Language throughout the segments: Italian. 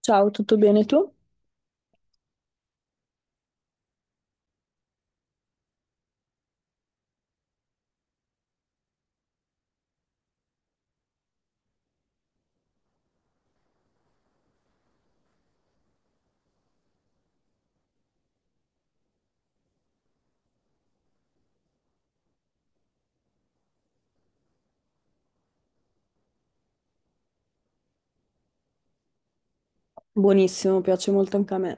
Ciao, tutto bene tu? Buonissimo, piace molto anche a me.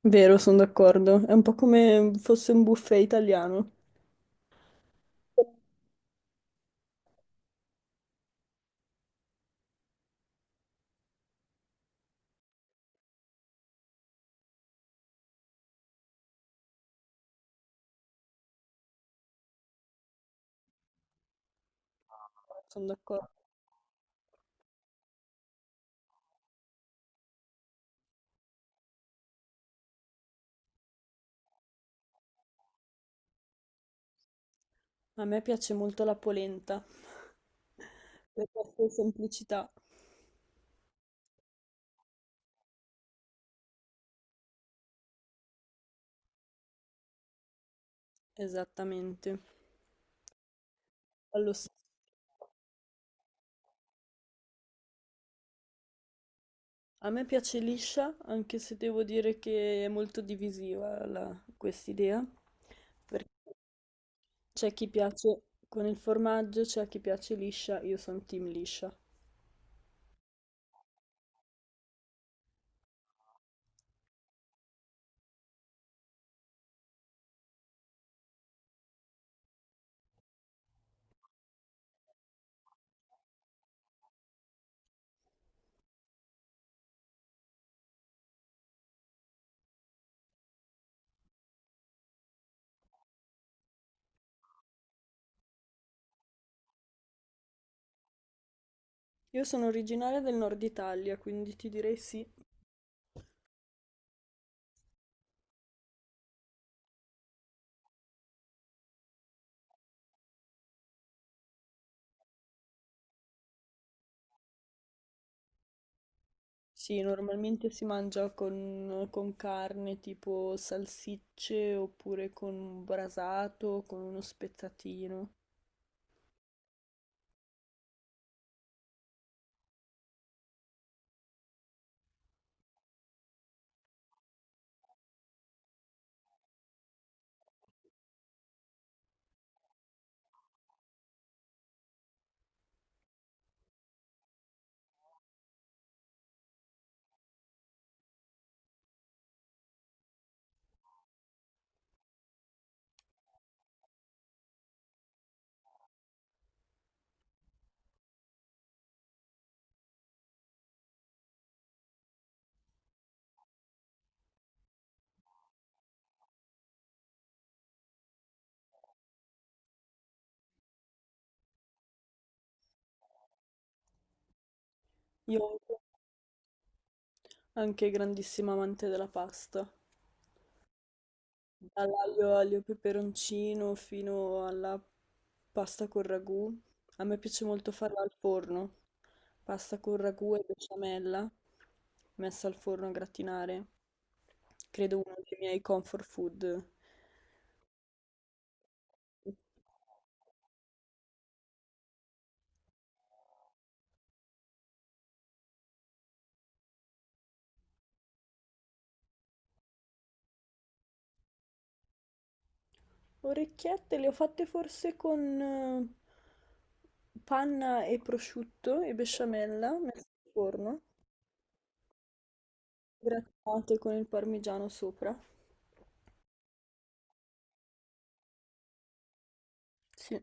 Vero, sono d'accordo. È un po' come fosse un buffet italiano. Sono d'accordo. A me piace molto la polenta, per la sua semplicità. Esattamente. Allo stesso. A me piace liscia, anche se devo dire che è molto divisiva quest'idea, perché c'è chi piace con il formaggio, c'è chi piace liscia, io sono team liscia. Io sono originaria del nord Italia, quindi ti direi sì. Sì, normalmente si mangia con carne tipo salsicce oppure con un brasato, o con uno spezzatino. Io anche grandissima amante della pasta, dall'aglio aglio peperoncino fino alla pasta con ragù. A me piace molto farla al forno, pasta con ragù e besciamella messa al forno a gratinare. Credo uno dei miei comfort food. Orecchiette le ho fatte forse con panna e prosciutto e besciamella messe al forno, grattate con il parmigiano sopra. Sì,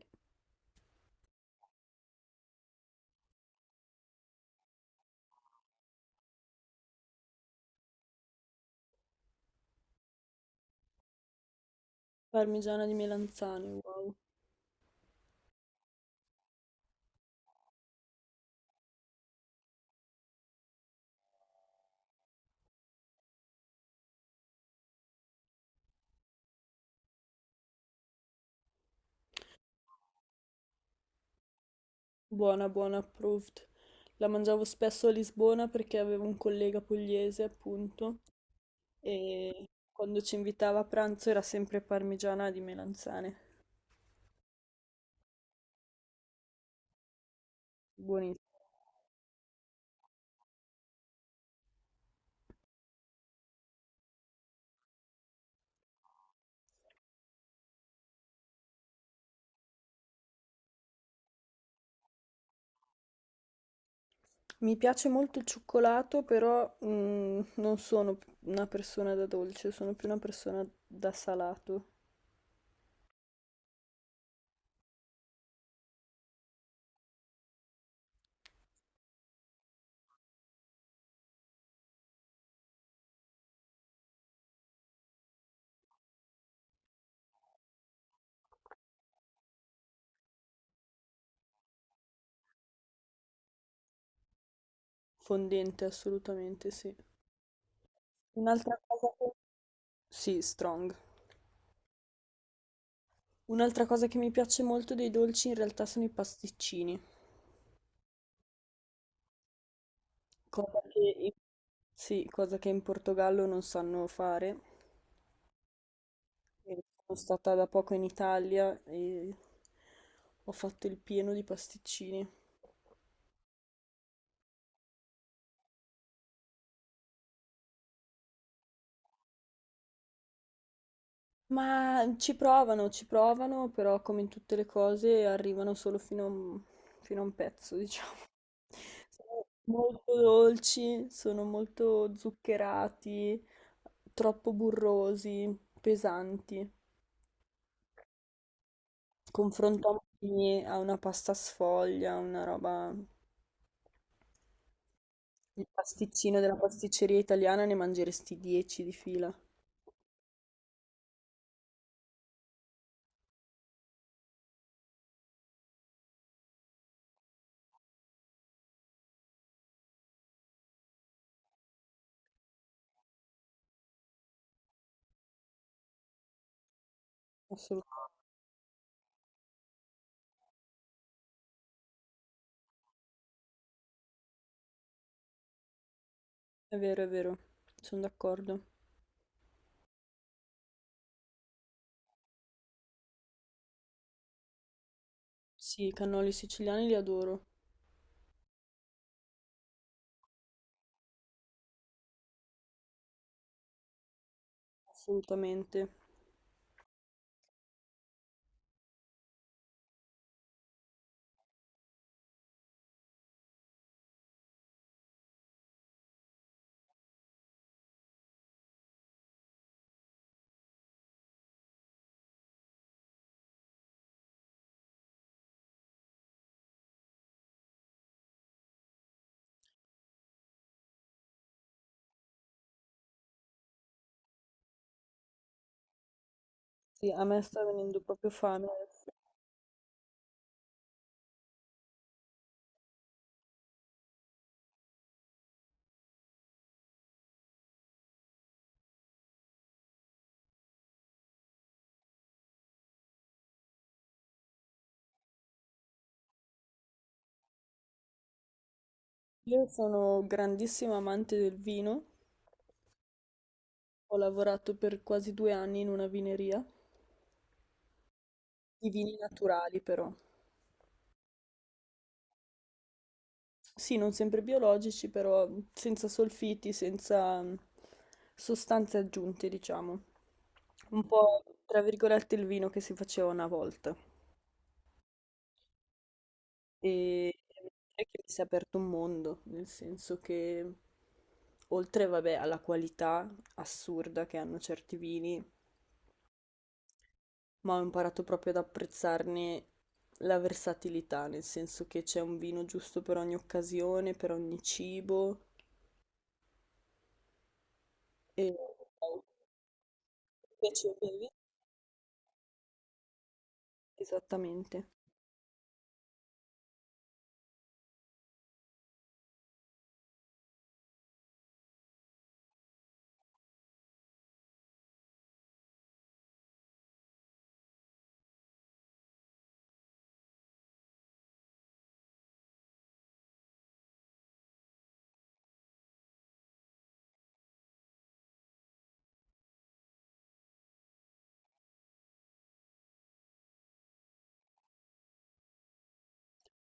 parmigiana di melanzane, wow. Buona, buona, approved. La mangiavo spesso a Lisbona perché avevo un collega pugliese, appunto, e quando ci invitava a pranzo era sempre parmigiana di melanzane. Buonissimo. Mi piace molto il cioccolato, però non sono una persona da dolce, sono più una persona da salato. Fondente, assolutamente, sì. Un'altra cosa che... Sì, strong. Un'altra cosa che mi piace molto dei dolci in realtà sono i pasticcini, cosa che in, sì, cosa che in Portogallo non sanno fare. E sono stata da poco in Italia e ho fatto il pieno di pasticcini. Ma ci provano, però come in tutte le cose arrivano solo fino a un pezzo, diciamo. Sono molto dolci, sono molto zuccherati, troppo burrosi, pesanti. Confrontati a una pasta sfoglia, una roba... Il pasticcino della pasticceria italiana ne mangeresti 10 di fila. Assolutamente. È vero, sono d'accordo. Sì, i cannoli siciliani li adoro, assolutamente. Sì, a me sta venendo proprio fame adesso. Io sono grandissima amante del vino, ho lavorato per quasi 2 anni in una vineria, di vini naturali però. Sì, non sempre biologici, però senza solfiti, senza sostanze aggiunte, diciamo. Un po', tra virgolette, il vino che si faceva una volta. E devo dire che mi si è aperto un mondo, nel senso che oltre, vabbè, alla qualità assurda che hanno certi vini, ma ho imparato proprio ad apprezzarne la versatilità, nel senso che c'è un vino giusto per ogni occasione, per ogni cibo. E invece per lì, esattamente.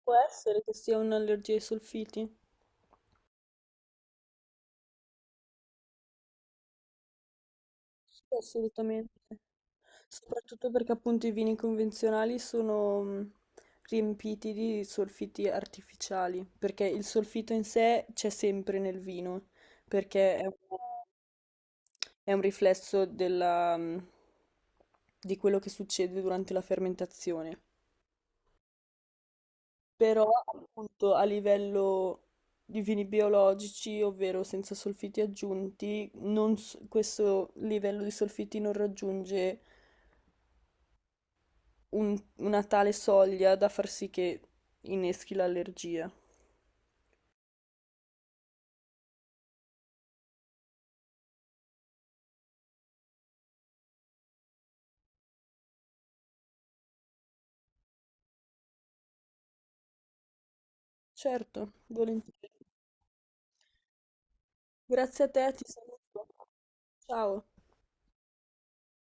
Può essere che sia un'allergia ai solfiti? Sì, assolutamente. Soprattutto perché appunto i vini convenzionali sono riempiti di solfiti artificiali, perché il solfito in sé c'è sempre nel vino, perché è un riflesso della di quello che succede durante la fermentazione. Però appunto a livello di vini biologici, ovvero senza solfiti aggiunti, non s- questo livello di solfiti non raggiunge una tale soglia da far sì che inneschi l'allergia. Certo, volentieri. Grazie a te, ti saluto. Ciao.